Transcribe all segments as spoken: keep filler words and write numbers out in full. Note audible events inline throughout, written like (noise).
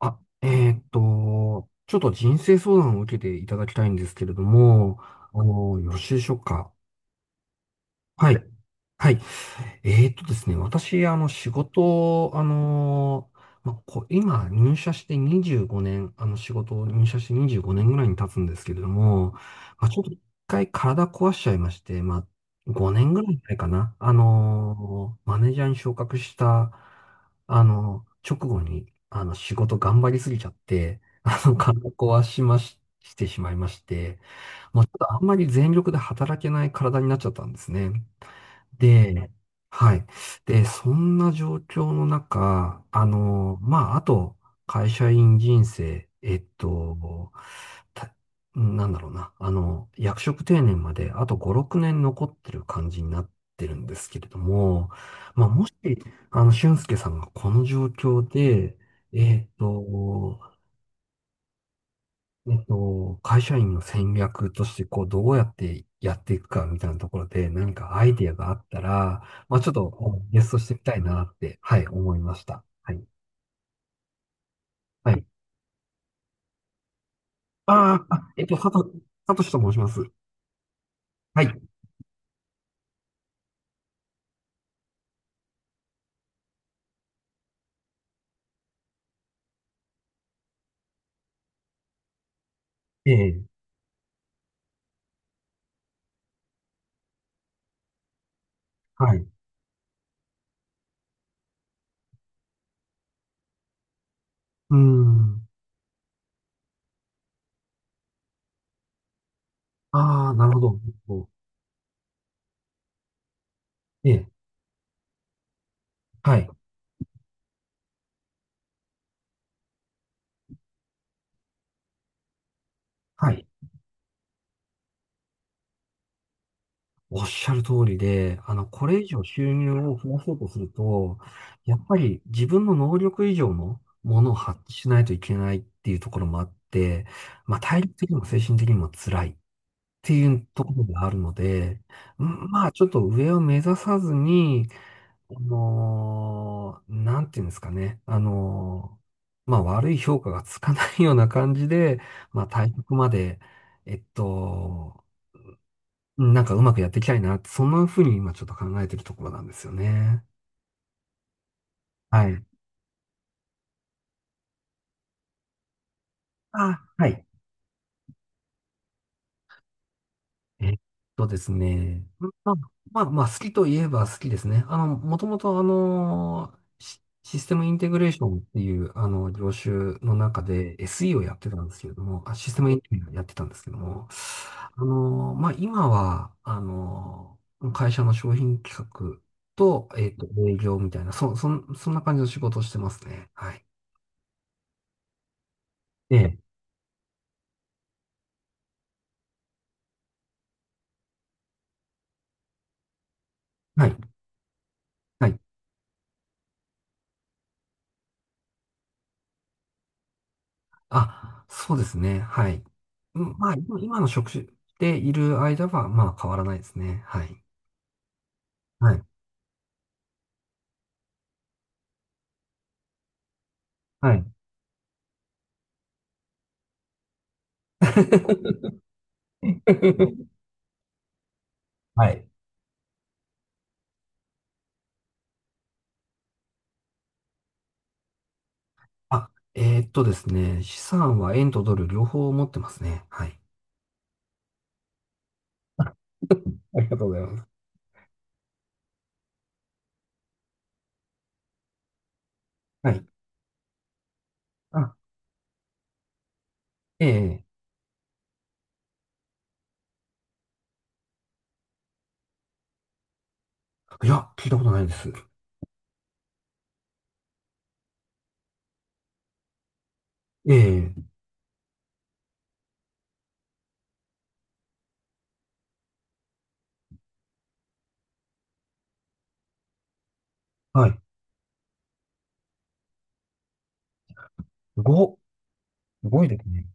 あ、えーっと、ちょっと人生相談を受けていただきたいんですけれども、あの、よろしいでしょうか。はい。はい。えーとですね、私、あの、仕事を、あのーまあ、こう、今、入社してにじゅうごねん、あの、仕事を入社してにじゅうごねんぐらいに経つんですけれども、まあ、ちょっと一回体壊しちゃいまして、まあ、ごねんぐらい前かな、あのーマネージャーに昇格した、あの、直後に、あの、仕事頑張りすぎちゃって、あの、体壊しまし、してしまいまして、もうちょっとあんまり全力で働けない体になっちゃったんですね。で、はい。で、そんな状況の中、あの、まあ、あと、会社員人生、えっと、たなんだろうな、あの、役職定年まであとご、ろくねん残ってる感じになってるんですけれども、まあ、もし、あの、俊介さんがこの状況で、えっと、えっと、会社員の戦略として、こう、どうやってやっていくかみたいなところで、何かアイディアがあったら、まあ、ちょっと、あゲストしてみたいなって、はい、思いました。はい。はい。あーあ、あえっと、さと、さとしと申します。はい。ええ、はい。うーん。ああ、なるほど。ええ、はい。はい。おっしゃる通りで、あの、これ以上収入を増やそうとすると、やっぱり自分の能力以上のものを発揮しないといけないっていうところもあって、まあ、体力的にも精神的にも辛いっていうところがあるので、んまあ、ちょっと上を目指さずに、あのーなんていうんですかね、あのーまあ、悪い評価がつかないような感じで、まあ、対局まで、えっと、うんなんかうまくやっていきたいなって、そんな風に今ちょっと考えてるところなんですよね。はい。あ、はい。えっとですね。まあ、まあ、まあ好きといえば好きですね。あの、もともとあの、シシステムインテグレーションっていう、あの、業種の中で エスイー をやってたんですけれども、あ、システムインテグレーションやってたんですけども、あの、まあ、今は、あの、会社の商品企画と、えっと、営業みたいな、そ、そん、そんな感じの仕事をしてますね。はい。ええ、はい、はい。あ、そうですね。はい。うんまあ、今今の職種でいる間は、まあ、変わらないですね。はい。はい。はい。(laughs) はい。あ、えーっとですね。資産は円とドル両方持ってますね。はい。あありがとうございます。はい。あ、ええ、いや、聞いたことないです。ええ、はい。ご、すごいですね。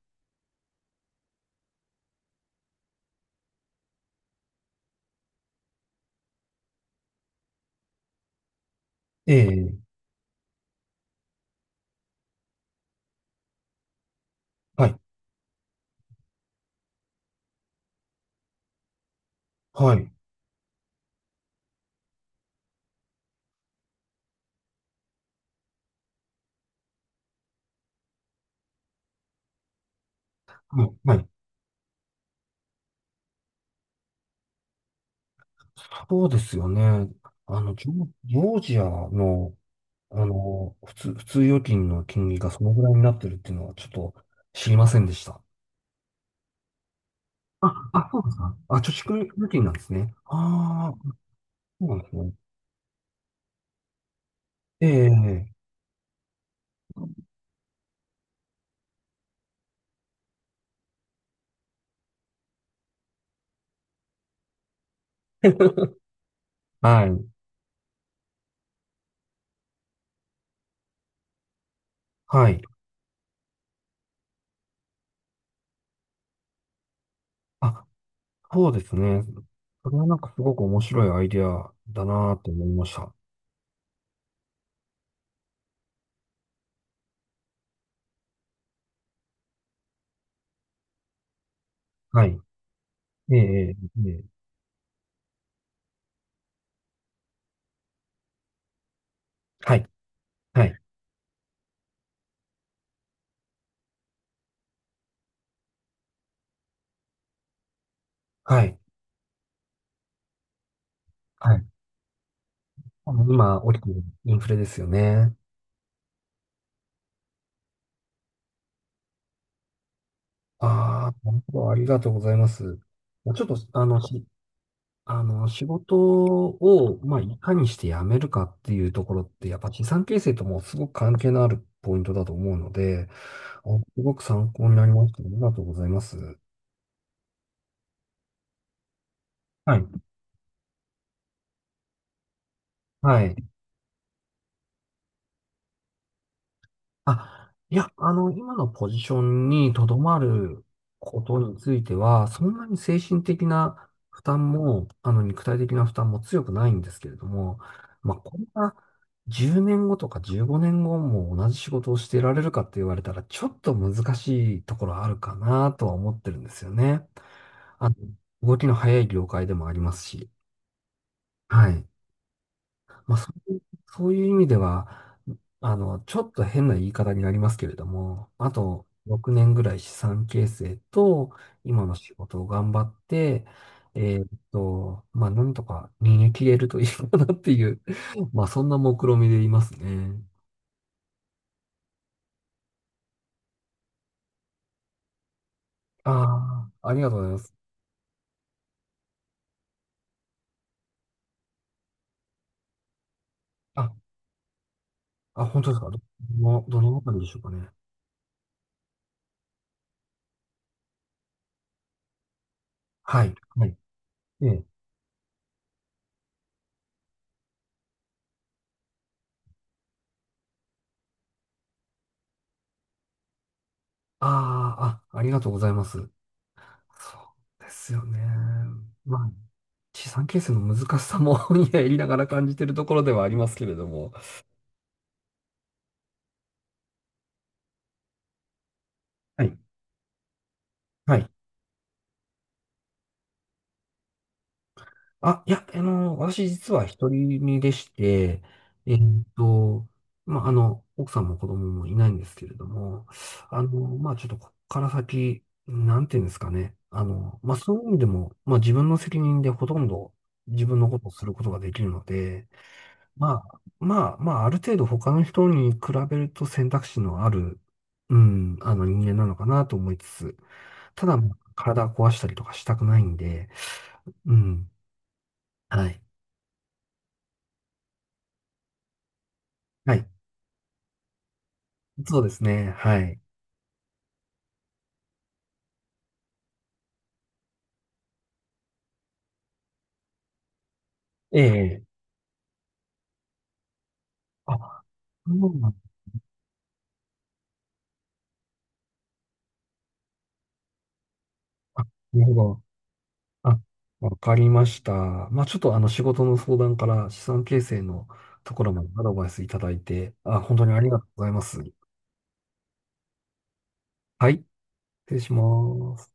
ええ、はい。はい。はい。はい、そうですよね。あの、ジョージョージアの、あの、普通、普通預金の金利がそのぐらいになってるっていうのはちょっと知りませんでした。あ、あ、そうですか。あ、貯蓄預金なんですね。ああ、そうなんですね。ええ、はい、はい。あ、そうですね。それはなんかすごく面白いアイデアだなーって思いました。はい。ええ、ええ、ええ、はい、はい、はい、はい。あの今、起きてるインフレですよね。ああ、なるほど。ありがとうございます。ちょっと、あの、知あの、仕事を、まあ、いかにして辞めるかっていうところって、やっぱ資産形成ともすごく関係のあるポイントだと思うので、おすごく参考になりました。ありがとうございます。はい。はい。あ、いや、あの、今のポジションにとどまることについては、そんなに精神的な負担も、あの、肉体的な負担も強くないんですけれども、まあ、これがじゅうねんごとかじゅうごねんごも同じ仕事をしていられるかって言われたら、ちょっと難しいところあるかなとは思ってるんですよね。あの、動きの早い業界でもありますし、はい。まあ、そういう、そういう意味では、あの、ちょっと変な言い方になりますけれども、あとろくねんぐらい資産形成と、今の仕事を頑張って、えーっと、まあ、なんとか逃げ切れるといいかなっていう、(laughs) まあ、そんな目論見でいますね。ああ、ありがとうございます。あ、あ、本当ですか。ど、どの、どのあたりでしょうかね。はい。はい。ええ。ああ、あ、ありがとうございます。そうですよね。まあ資産形成の難しさも (laughs) いや、(laughs) やりながら感じてるところではありますけれども。はい。はい。あ、いや、あの、私実は一人身でして、えっと、まあ、あの、奥さんも子供もいないんですけれども、あの、まあ、ちょっとこっから先、なんていうんですかね。あの、まあ、そういう意味でも、まあ、自分の責任でほとんど自分のことをすることができるので、まあ、まあ、まあ、ある程度他の人に比べると選択肢のある、うん、あの人間なのかなと思いつつ、ただ、体壊したりとかしたくないんで、うん、はい。はい。そうですね、はい。ええ、あ、そうなんあ、なるほど。あ、わかりました。まあ、ちょっとあの仕事の相談から資産形成のところまでアドバイスいただいて、あ、本当にありがとうございます。はい、失礼します。